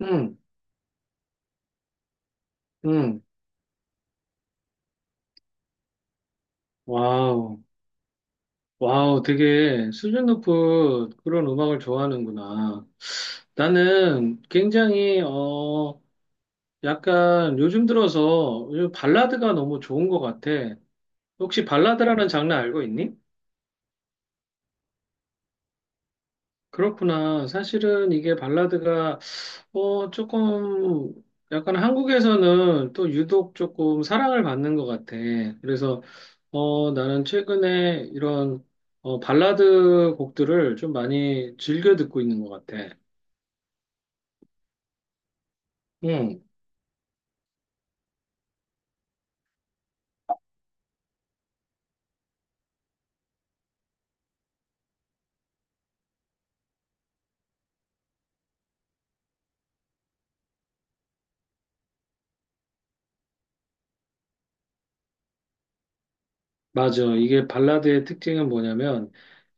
응, 응, 와우, 와우, 되게 수준 높은 그런 음악을 좋아하는구나. 나는 굉장히, 약간 요즘 들어서 요즘 발라드가 너무 좋은 것 같아. 혹시 발라드라는 장르 알고 있니? 그렇구나. 사실은 이게 발라드가 조금 약간 한국에서는 또 유독 조금 사랑을 받는 것 같아. 그래서 나는 최근에 이런 발라드 곡들을 좀 많이 즐겨 듣고 있는 것 같아. 응, 맞아. 이게 발라드의 특징은 뭐냐면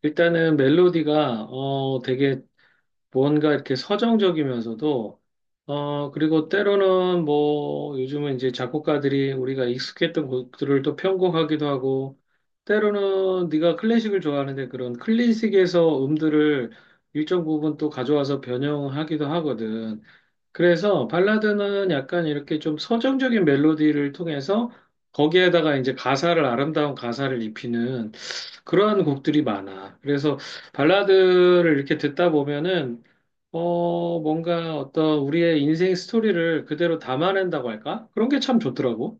일단은 멜로디가 되게 뭔가 이렇게 서정적이면서도, 그리고 때로는 뭐, 요즘은 이제 작곡가들이 우리가 익숙했던 곡들을 또 편곡하기도 하고, 때로는 네가 클래식을 좋아하는데 그런 클래식에서 음들을 일정 부분 또 가져와서 변형하기도 하거든. 그래서 발라드는 약간 이렇게 좀 서정적인 멜로디를 통해서 거기에다가 이제 가사를, 아름다운 가사를 입히는 그러한 곡들이 많아. 그래서 발라드를 이렇게 듣다 보면은 뭔가 어떤 우리의 인생 스토리를 그대로 담아낸다고 할까? 그런 게 참 좋더라고.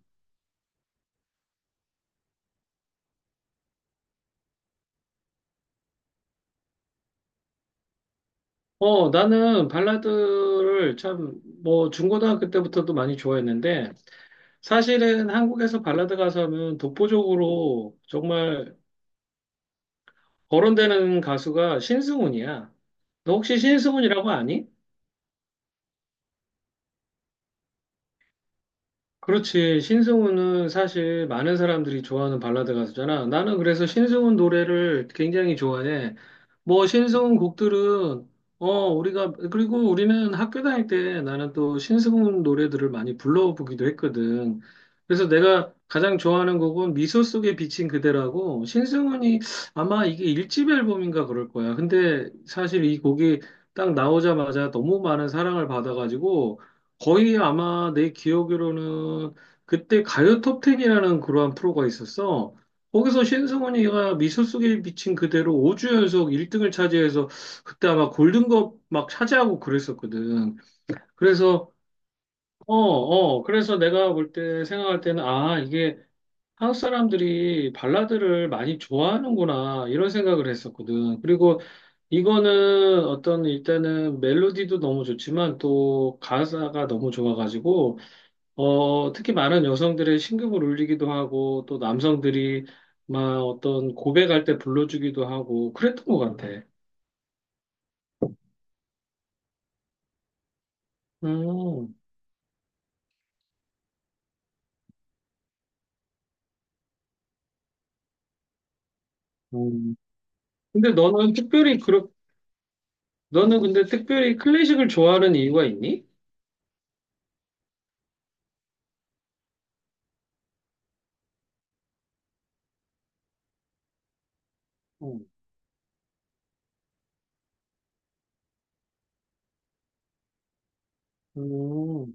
나는 발라드를 참, 뭐, 중고등학교 때부터도 많이 좋아했는데, 사실은 한국에서 발라드 가수하면 독보적으로 정말 거론되는 가수가 신승훈이야. 너 혹시 신승훈이라고 아니? 그렇지. 신승훈은 사실 많은 사람들이 좋아하는 발라드 가수잖아. 나는 그래서 신승훈 노래를 굉장히 좋아해. 뭐 신승훈 곡들은 우리가 그리고 우리는 학교 다닐 때 나는 또 신승훈 노래들을 많이 불러보기도 했거든. 그래서 내가 가장 좋아하는 곡은 미소 속에 비친 그대라고 신승훈이 아마 이게 일집 앨범인가 그럴 거야. 근데 사실 이 곡이 딱 나오자마자 너무 많은 사랑을 받아가지고 거의 아마 내 기억으로는 그때 가요 톱텐이라는 그러한 프로가 있었어. 거기서 신승훈이가 미소 속에 비친 그대로 5주 연속 1등을 차지해서 그때 아마 골든컵 막 차지하고 그랬었거든. 그래서 그래서 내가 볼 때 생각할 때는 아, 이게 한국 사람들이 발라드를 많이 좋아하는구나 이런 생각을 했었거든. 그리고 이거는 어떤 일단은 멜로디도 너무 좋지만 또 가사가 너무 좋아가지고 특히 많은 여성들의 신경을 울리기도 하고, 또 남성들이 막 어떤 고백할 때 불러주기도 하고, 그랬던 것 같아. 음, 음. 근데 너는 특별히, 그렇, 너는 근데 특별히 클래식을 좋아하는 이유가 있니? 음. 음.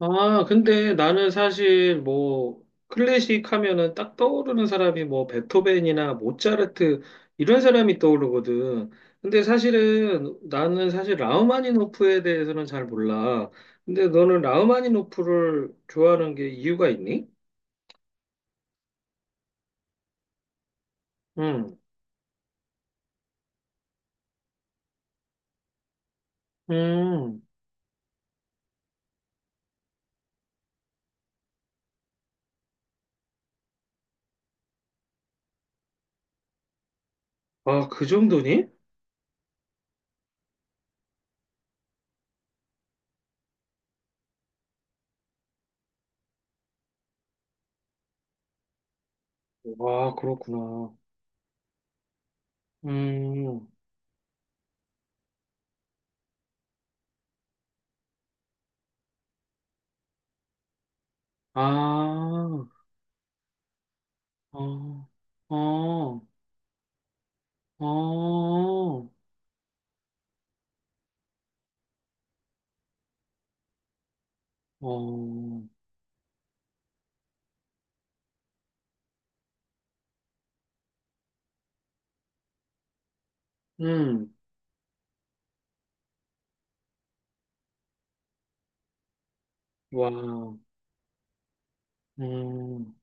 아, 근데 나는 사실 뭐 클래식 하면은 딱 떠오르는 사람이 뭐 베토벤이나 모차르트 이런 사람이 떠오르거든. 근데 사실은 나는 사실 라흐마니노프에 대해서는 잘 몰라. 근데 너는 라흐마니노프를 좋아하는 게 이유가 있니? 응, 음. 아, 그 정도니? 와, 그렇구나. 음, 아, 어, 어, 어, 어. 음. 와, 음,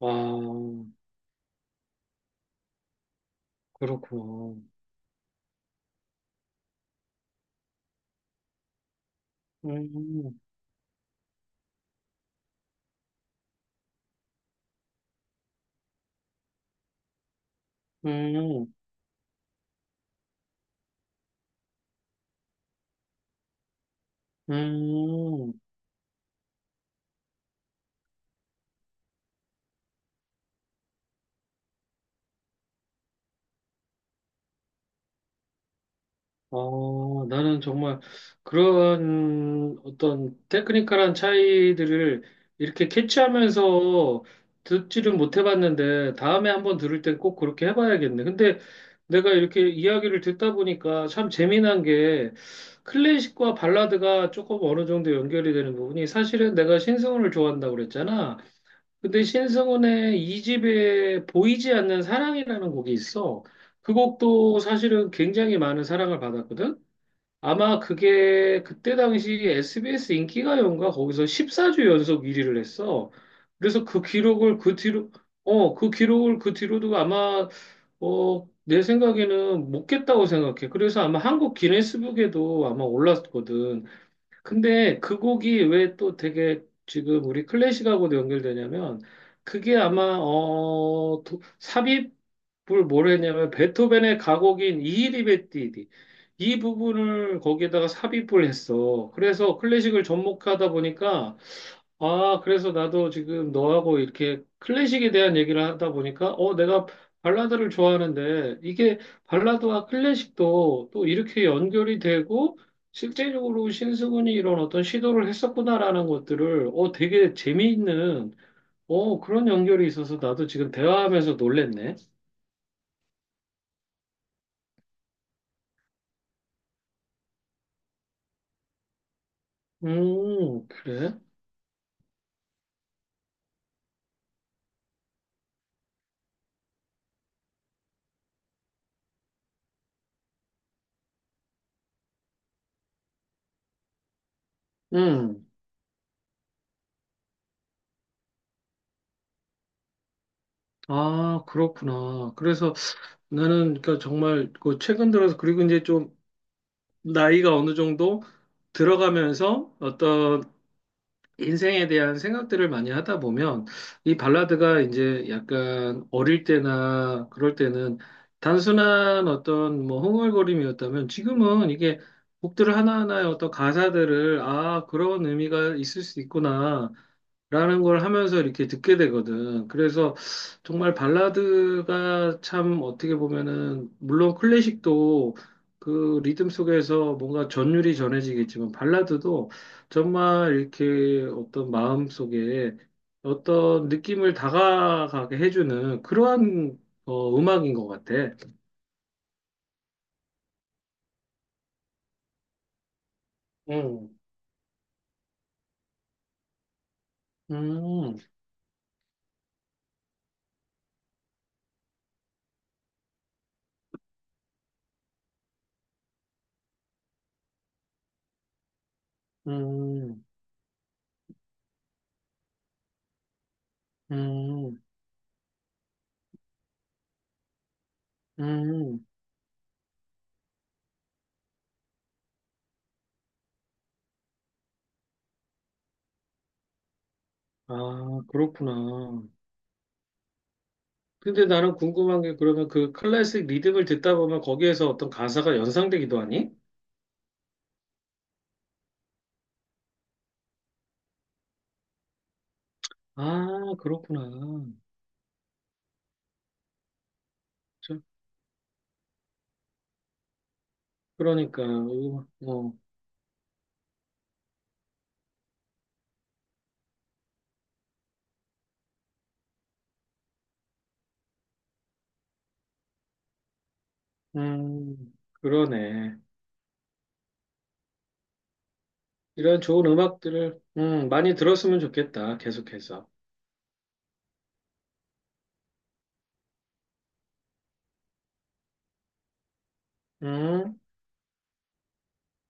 와, 그렇구나. 음, 음, 음, 아, 나는 정말 그런 어떤 테크니컬한 차이들을 이렇게 캐치하면서 듣지를 못 해봤는데 다음에 한번 들을 땐 꼭 그렇게 해봐야겠네. 근데 내가 이렇게 이야기를 듣다 보니까 참 재미난 게 클래식과 발라드가 조금 어느 정도 연결이 되는 부분이 사실은 내가 신승훈을 좋아한다고 그랬잖아. 근데 신승훈의 이 집에 보이지 않는 사랑이라는 곡이 있어. 그 곡도 사실은 굉장히 많은 사랑을 받았거든. 아마 그게 그때 당시 SBS 인기가요인가 거기서 14주 연속 1위를 했어. 그래서 그 기록을 그 뒤로 어, 그 기록을 그 뒤로도 아마 내 생각에는 못 깼다고 생각해. 그래서 아마 한국 기네스북에도 아마 올랐거든. 근데 그 곡이 왜 또 되게 지금 우리 클래식하고도 연결되냐면 그게 아마 삽입을 뭘 했냐면 베토벤의 가곡인 이히리베띠디 이 부분을 거기에다가 삽입을 했어. 그래서 클래식을 접목하다 보니까 아, 그래서 나도 지금 너하고 이렇게 클래식에 대한 얘기를 하다 보니까, 내가 발라드를 좋아하는데, 이게 발라드와 클래식도 또 이렇게 연결이 되고, 실제적으로 신승훈이 이런 어떤 시도를 했었구나라는 것들을, 되게 재미있는, 그런 연결이 있어서 나도 지금 대화하면서 놀랬네. 그래? 음. 아, 그렇구나. 그래서 나는 그러니까 정말 그 최근 들어서 그리고 이제 좀 나이가 어느 정도 들어가면서 어떤 인생에 대한 생각들을 많이 하다 보면 이 발라드가 이제 약간 어릴 때나 그럴 때는 단순한 어떤 뭐 흥얼거림이었다면 지금은 이게 곡들 하나하나의 어떤 가사들을 아, 그런 의미가 있을 수 있구나. 라는 걸 하면서 이렇게 듣게 되거든. 그래서 정말 발라드가 참 어떻게 보면은, 물론 클래식도 그 리듬 속에서 뭔가 전율이 전해지겠지만, 발라드도 정말 이렇게 어떤 마음 속에 어떤 느낌을 다가가게 해주는 그러한 음악인 것 같아. 음, 음, 음, 음, 음. 아, 그렇구나. 근데 나는 궁금한 게 그러면 그 클래식 리듬을 듣다 보면 거기에서 어떤 가사가 연상되기도 하니? 아, 그렇구나. 저- 그러니까, 음, 그러네. 이런 좋은 음악들을, 많이 들었으면 좋겠다. 계속해서. 음.